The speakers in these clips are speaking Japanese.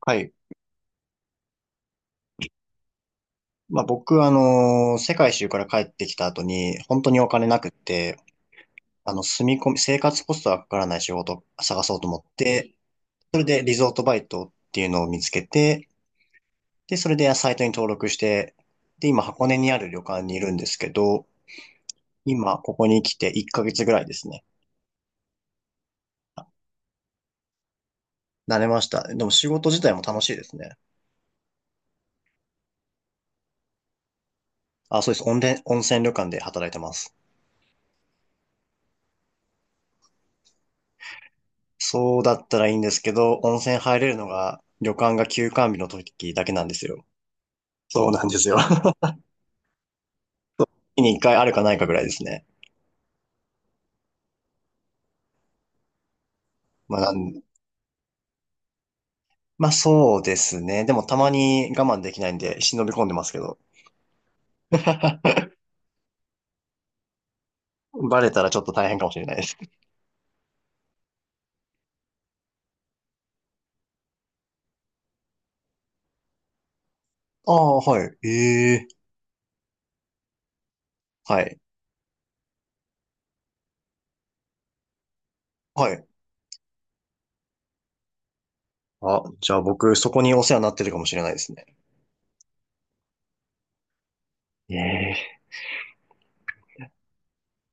はい。まあ僕、世界一周から帰ってきた後に、本当にお金なくって、住み込み、生活コストがかからない仕事を探そうと思って、それでリゾートバイトっていうのを見つけて、で、それでサイトに登録して、で、今箱根にある旅館にいるんですけど、今ここに来て1ヶ月ぐらいですね。慣れました。でも仕事自体も楽しいですね。あ、そうです。温泉、温泉旅館で働いてます。そうだったらいいんですけど、温泉入れるのが旅館が休館日の時だけなんですよ。そうなんですよ。月に一回あるかないかぐらいですね。まあ、まあそうですね。でもたまに我慢できないんで忍び込んでますけど。バレたらちょっと大変かもしれないです。ああ、はい。ええ、はい。はい。あ、じゃあ僕、そこにお世話になってるかもしれないですね。ええ、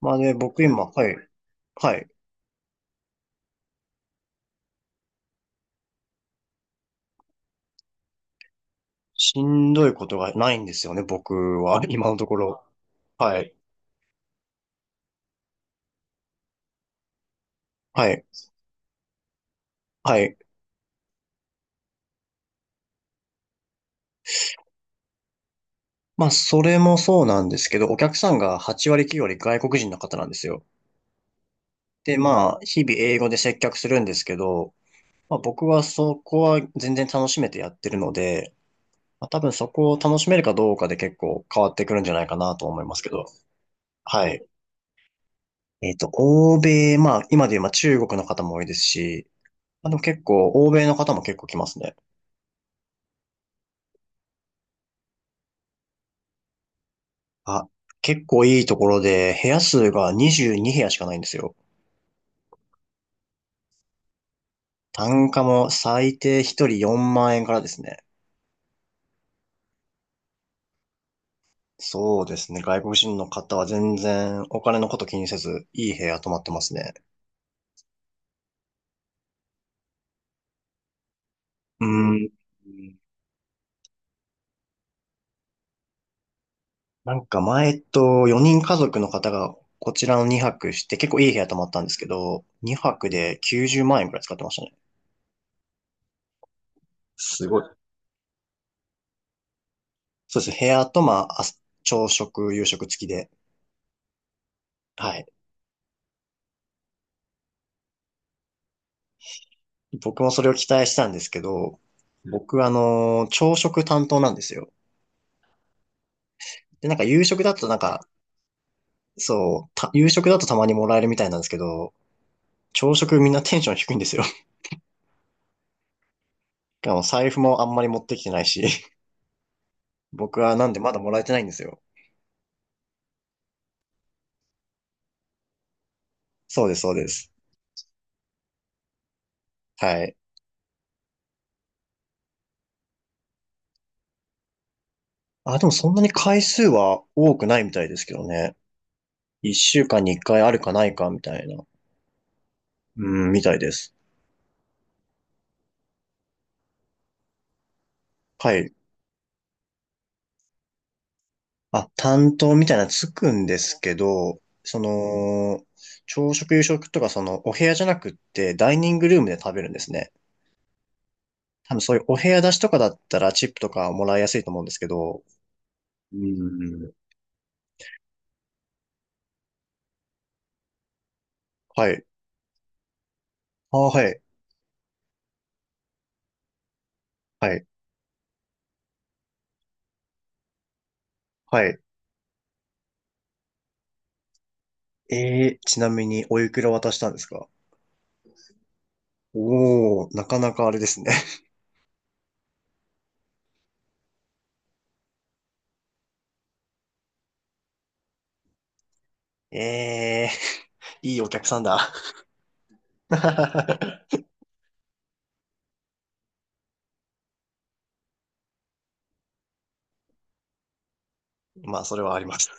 まあね、僕今、はい。はい。しんどいことがないんですよね、僕は。今のところ。はい。はい。はい。まあ、それもそうなんですけど、お客さんが8割9割外国人の方なんですよ。で、まあ、日々英語で接客するんですけど、まあ、僕はそこは全然楽しめてやってるので、まあ、多分そこを楽しめるかどうかで結構変わってくるんじゃないかなと思いますけど。はい。欧米、まあ、今で言えば中国の方も多いですし、まあ、でも結構、欧米の方も結構来ますね。あ、結構いいところで、部屋数が22部屋しかないんですよ。単価も最低1人4万円からですね。そうですね。外国人の方は全然お金のこと気にせず、いい部屋泊まってますね。うーん。なんか前、4人家族の方がこちらの2泊して、結構いい部屋泊まったんですけど、2泊で90万円くらい使ってましたね。すごい。そうです。部屋と、まあ、朝食、夕食付きで。はい。僕もそれを期待したんですけど、僕、あの、朝食担当なんですよ。で、なんか夕食だとなんか、そう、夕食だとたまにもらえるみたいなんですけど、朝食みんなテンション低いんですよ。あの財布もあんまり持ってきてないし、僕はなんでまだもらえてないんですよ。そうです、そうです。はい。あ、でもそんなに回数は多くないみたいですけどね。一週間に一回あるかないかみたいな、うん、みたいです。はい。あ、担当みたいなのつくんですけど、その、朝食夕食とかそのお部屋じゃなくってダイニングルームで食べるんですね。多分そういうお部屋出しとかだったらチップとかもらいやすいと思うんですけど。うん。はい。あ、はい。はい。はい。えー、ちなみにおいくら渡したんですか？おー、なかなかあれですね。えー、いいお客さんだ。まあ、それはあります。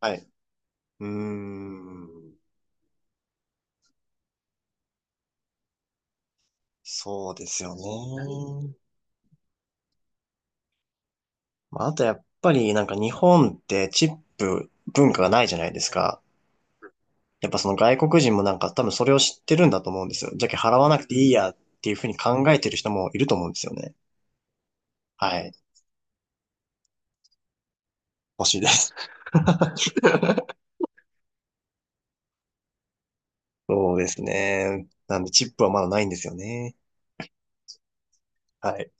はい。うーん。そうですよね。まあ、あとやっぱりなんか日本ってチップ文化がないじゃないですか。やっぱその外国人もなんか多分それを知ってるんだと思うんですよ。じゃけ払わなくていいやっていうふうに考えてる人もいると思うんですよね。はい。欲しいです。そうですね。なんで、チップはまだないんですよね。はい。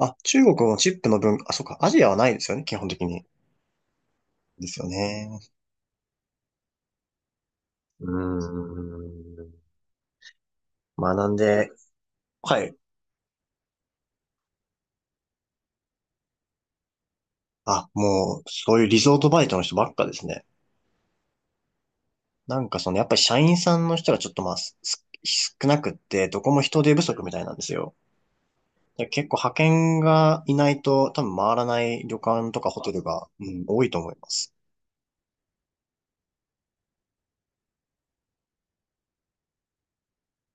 あ、中国のチップの分、あ、そっか、アジアはないですよね、基本的に。ですよね。うーん。まあ、なんで、はい。あ、もう、そういうリゾートバイトの人ばっかですね。なんかその、やっぱり社員さんの人がちょっとまあ、少なくって、どこも人手不足みたいなんですよ。で結構派遣がいないと、多分回らない旅館とかホテルが、うん、多いと思います。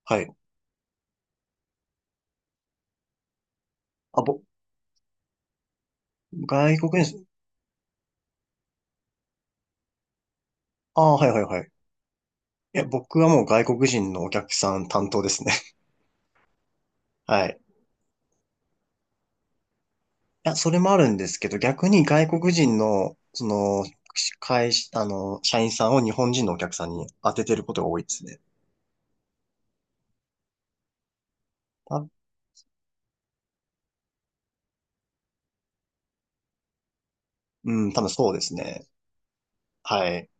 はい。あ、外国人、ああ、はいはいはい。いや、僕はもう外国人のお客さん担当ですね。はい。いや、それもあるんですけど、逆に外国人の、その、会社、あの、社員さんを日本人のお客さんに当ててることが多いですね。た、うん、多分そうですね。はい。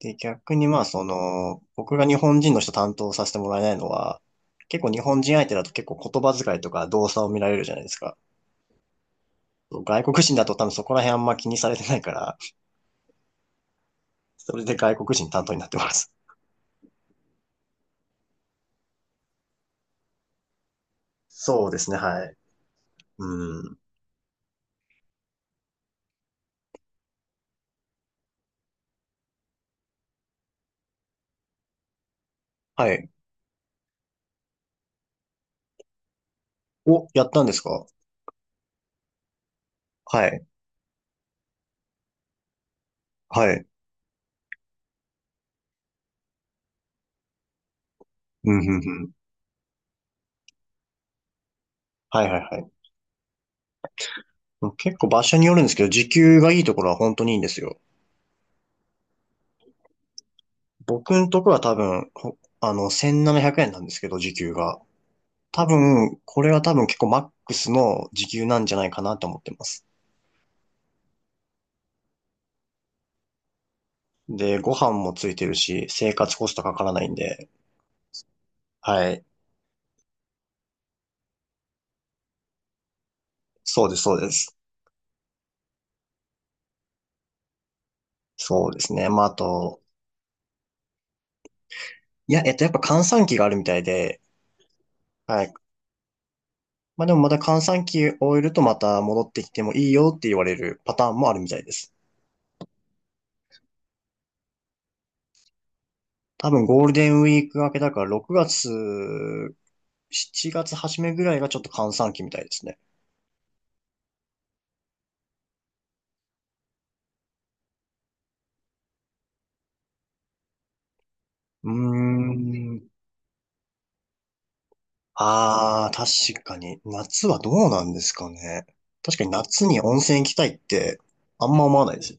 で、逆にまあ、その、僕が日本人の人担当させてもらえないのは、結構日本人相手だと結構言葉遣いとか動作を見られるじゃないですか。外国人だと多分そこら辺あんま気にされてないから、それで外国人担当になってます。そうですね、はい。うん。はい。お、やったんですか？はい。はい。うん、うん、うん。はい、はい、はい。もう結構場所によるんですけど、時給がいいところは本当にいいんですよ。僕のところは多分、ほあの、1700円ななひゃくえんなんですけど、時給が。多分、これは多分結構マックスの時給なんじゃないかなと思ってます。で、ご飯もついてるし、生活コストかからないんで。はい。そうです、そうです。そうですね。まあ、あと、いや、やっぱ閑散期があるみたいで、はい。まあでもまた閑散期終えるとまた戻ってきてもいいよって言われるパターンもあるみたいです。多分ゴールデンウィーク明けだから6月、7月初めぐらいがちょっと閑散期みたいですね。うーん。ああ、確かに。夏はどうなんですかね。確かに夏に温泉行きたいってあんま思わないですよ。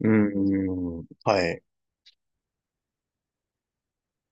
うーん。はい。